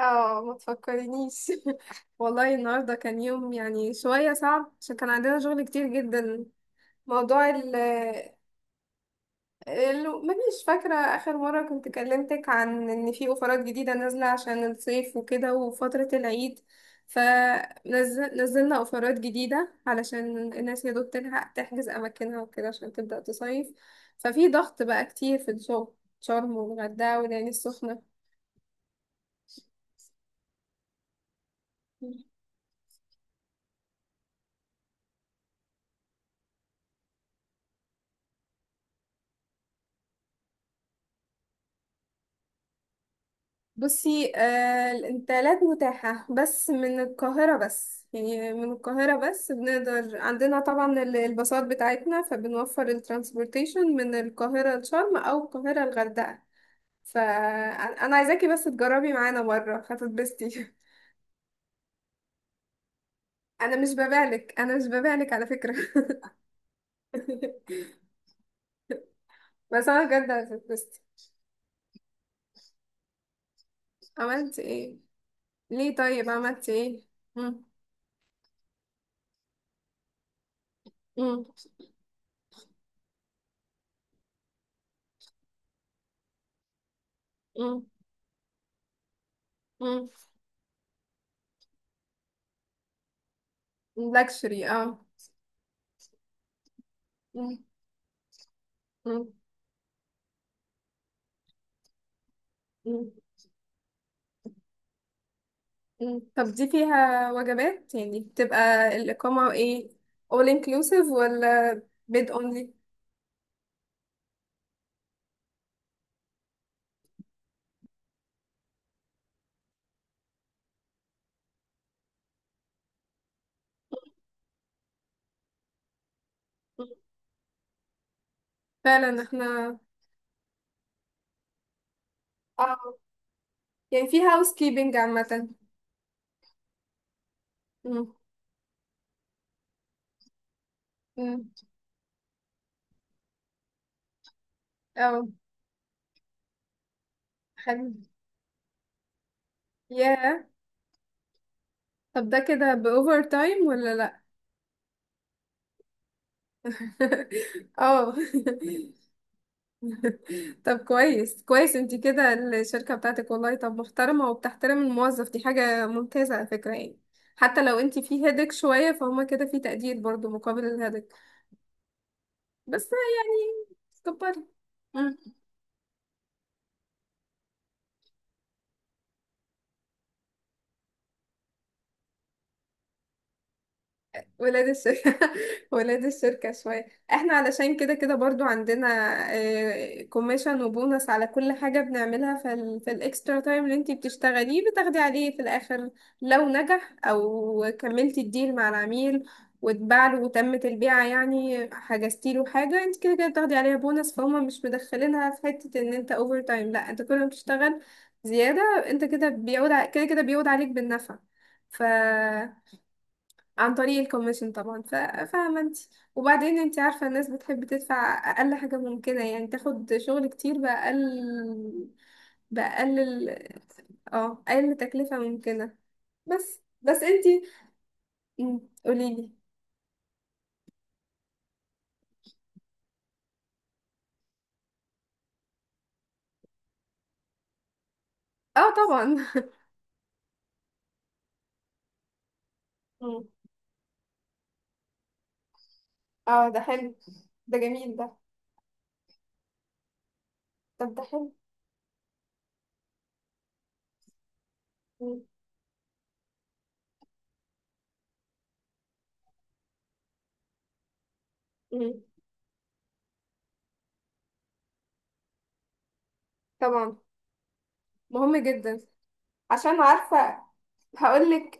اه، ما تفكرنيش. والله النهارده كان يوم، يعني شويه صعب، عشان كان عندنا شغل كتير جدا. موضوع ال مانيش فاكره اخر مره كنت كلمتك عن ان في اوفرات جديده نازله عشان الصيف وكده وفتره العيد. فنزلنا اوفرات جديده علشان الناس يا دوب تلحق تحجز اماكنها وكده عشان تبدا تصيف. ففي ضغط بقى كتير في الشغل. شرم والغردقه والعين السخنه. بصي، الانتقالات متاحة بس من القاهرة، بس يعني من القاهرة بس، بنقدر عندنا طبعا الباصات بتاعتنا، فبنوفر الترانسبورتيشن من القاهرة لشرم أو القاهرة الغردقة. فأنا عايزاكي بس تجربي معانا مرة، هتتبسطي. أنا مش ببالك، أنا مش ببالك على فكرة. بس أنا بجد هتتبسطي. عملت إيه؟ ليه طيب عملت إيه؟ مم. مم. مم. مم. لاكشري، اه. مم. مم. مم. مم. طب دي فيها وجبات، يعني بتبقى الإقامة ايه، all inclusive ولا bed only؟ مم. فعلا احنا، اه يعني في هاوس كيبنج عامة. مم. مم. اه، حلو. ياه. طب ده كده بأوفر تايم ولا لأ؟ اه. طب كويس كويس انتي كده. الشركة بتاعتك، والله طب محترمة وبتحترم الموظف، دي حاجة ممتازة على فكرة يعني. حتى لو انتي في هيدك شوية، فهما كده في تقدير برضو مقابل الهيدك. بس يعني كبري. ولاد الشركة، ولاد الشركة شوية. احنا علشان كده كده برضو عندنا كوميشن وبونص على كل حاجة بنعملها، في الاكسترا تايم اللي انتي بتشتغليه بتاخدي عليه في الاخر. لو نجح او كملتي الديل مع العميل واتباع له وتمت البيعة، يعني حجزتي له حاجة، انت كده كده بتاخدي عليها بونص. فهم مش مدخلينها في حتة ان انت اوفر تايم. لا، انت كل ما بتشتغل زيادة، انت كده كده كده بيعود عليك بالنفع. ف عن طريق الكوميشن طبعا. فاهمة انت. وبعدين انت عارفة الناس بتحب تدفع أقل حاجة ممكنة، يعني تاخد شغل كتير بأقل بأقل ال- اه أقل تكلفة ممكنة. بس بس انت، قوليلي. اه طبعا. مم. اه، ده حلو، ده جميل ده. طب ده حلو. مم. مم. طبعا، مهم جدا، عشان عارفة هقولك.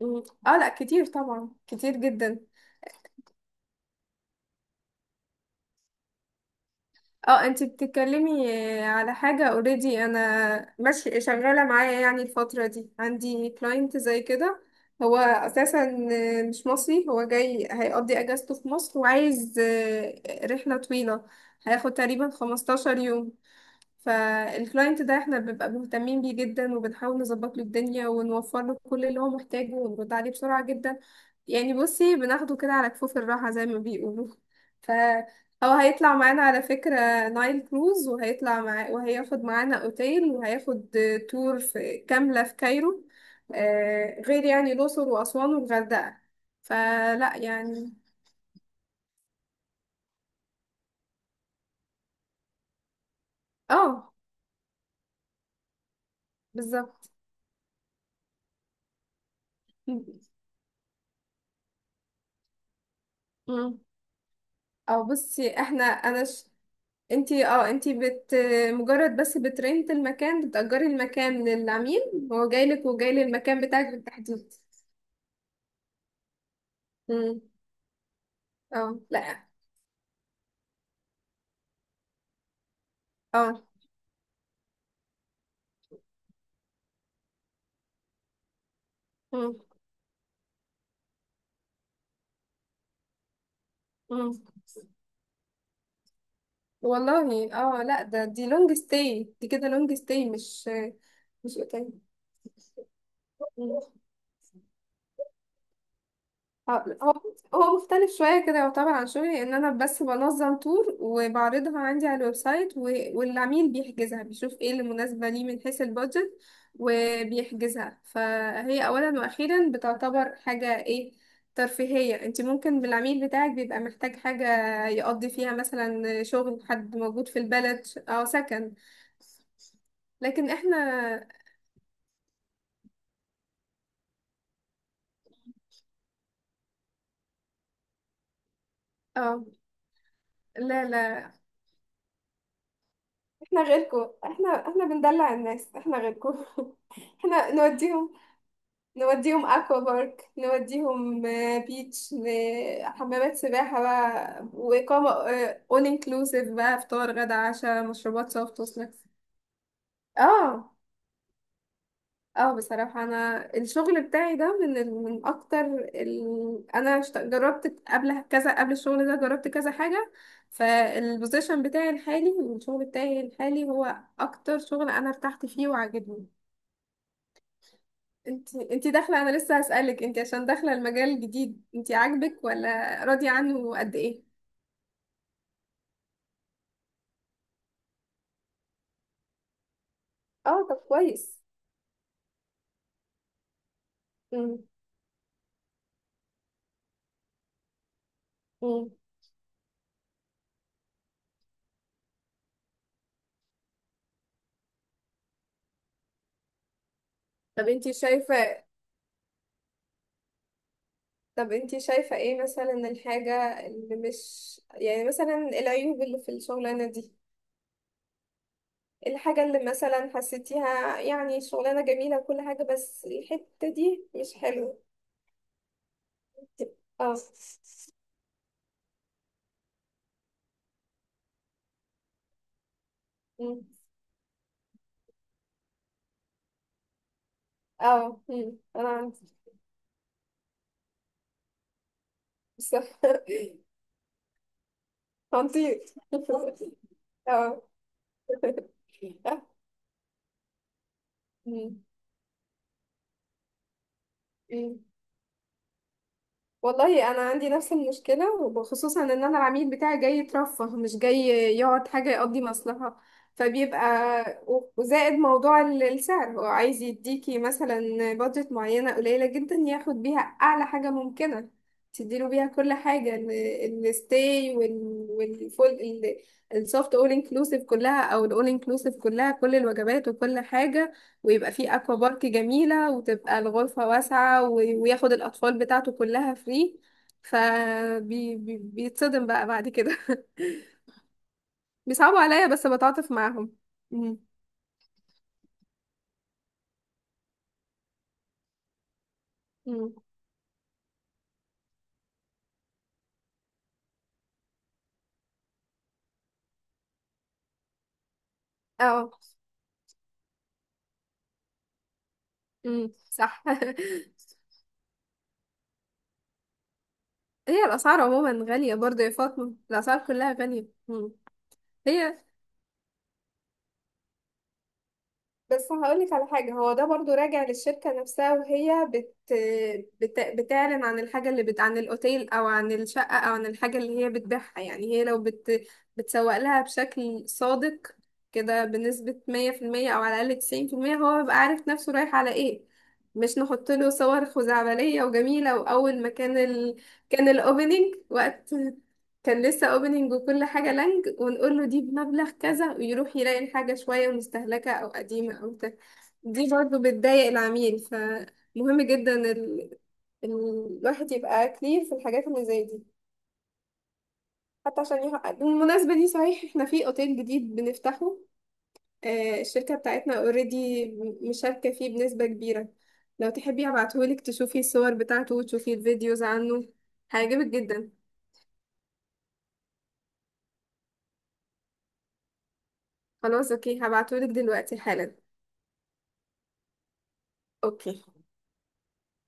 مم. اه لا، كتير طبعا، كتير جدا. اه، انت بتتكلمي على حاجة اوريدي انا ماشي شغالة معايا، يعني الفترة دي عندي كلاينت زي كده. هو اساسا مش مصري، هو جاي هيقضي اجازته في مصر وعايز، رحلة طويلة، هياخد تقريبا 15 يوم. فالكلاينت ده احنا بنبقى مهتمين بيه جدا، وبنحاول نظبط له الدنيا ونوفر له كل اللي هو محتاجه ونرد عليه بسرعة جدا. يعني بصي بناخده كده على كفوف الراحة زي ما بيقولوا. فهو هيطلع معانا على فكرة نايل كروز، وهيطلع مع وهياخد معانا اوتيل، وهياخد تور في كاملة في كايرو، غير يعني الأقصر وأسوان والغردقة. فلا يعني. اه، بالظبط. مم. او بصي، انتي مجرد بس بترنت المكان، بتأجري المكان للعميل، هو جايلك وجاي للمكان بتاعك بالتحديد. امم. اه، لا. اه. امم. امم. والله اه، لا، دي لونج ستاي، دي كده لونج ستاي، مش اوتيل. مم. اه، هو مختلف شوية كده، يعتبر عن شغلي ان انا بس بنظم تور وبعرضها عندي على الويب سايت. و... والعميل بيحجزها، بيشوف ايه اللي مناسبة ليه من حيث البادجت، وبيحجزها. فهي اولا واخيرا بتعتبر حاجة ايه، ترفيهية. انت ممكن بالعميل بتاعك بيبقى محتاج حاجة يقضي فيها مثلا شغل، حد موجود في البلد او سكن. لكن احنا، اه لا لا، احنا غيركم، احنا بندلع الناس، احنا غيركم. احنا نوديهم، نوديهم اكوا بارك، نوديهم بيتش، حمامات سباحة بقى وإقامة اول انكلوسيف بقى، فطار غدا عشاء مشروبات سوفت وسناكس. اه اه، بصراحة انا الشغل بتاعي ده من من اكتر انا جربت قبل كذا، قبل الشغل ده جربت كذا حاجة. فالبوزيشن بتاعي الحالي والشغل بتاعي الحالي هو اكتر شغل انا ارتحت فيه وعجبني. انت داخله، انا لسه هسألك انت، عشان داخله المجال الجديد، انت عاجبك، ولا راضيه عنه قد ايه؟ اه طب كويس. امم. امم. طب انت شايفه، ايه مثلا الحاجه اللي مش، يعني مثلا العيوب اللي في الشغلانه دي، الحاجه اللي مثلا حسيتيها يعني شغلانه جميله وكل حاجه بس الحته دي مش حلوه. اه، امم. اه امم، انا عندي. صح. هنطير. اه. مم. مم. والله انا عندي نفس المشكله، وخصوصا ان انا العميل بتاعي جاي يترفه مش جاي يقعد حاجه يقضي مصلحه. فبيبقى، وزائد موضوع السعر، هو عايز يديكي مثلا بادجت معينه قليله جدا ياخد بيها اعلى حاجه ممكنه، تديله بيها كل حاجه، الستاي والفول، السوفت اول انكلوسيف كلها، او الاول انكلوسيف كلها، كل الوجبات وكل حاجه، ويبقى فيه اكوا بارك جميلة، وتبقى الغرفة واسعة، وياخد الاطفال بتاعته كلها فري. فبيتصدم بقى بعد كده. بيصعبوا عليا، بس بتعاطف معاهم. مم. مم. اه. مم. صح. هي الاسعار عموما غالية برضه يا فاطمة، الاسعار كلها غالية. مم. هي، بس هقولك على حاجة، هو ده برضو راجع للشركة نفسها وهي بتعلن عن الحاجة عن الأوتيل أو عن الشقة أو عن الحاجة اللي هي بتبيعها. يعني هي لو بتسوق لها بشكل صادق كده، بنسبة 100% أو على الأقل 90%، هو بيبقى عارف نفسه رايح على إيه. مش نحط له صور خزعبلية وجميلة، وأول ما كان كان الأوبننج، وقت كان لسه اوبننج وكل حاجة لانج، ونقول له دي بمبلغ كذا، ويروح يلاقي الحاجة شوية مستهلكة او قديمة او بتاع. دي برضه بتضايق العميل، فمهم جدا الواحد يبقى كلير في الحاجات اللي زي دي. حتى عشان يحقق. بالمناسبة دي صحيح، احنا في اوتيل جديد بنفتحه، الشركة بتاعتنا اوريدي مشاركة فيه بنسبة كبيرة. لو تحبي هبعتهولك تشوفي الصور بتاعته وتشوفي الفيديوز عنه، هيعجبك جدا. خلاص اوكي، هبعتهولك دلوقتي حالا. اوكي.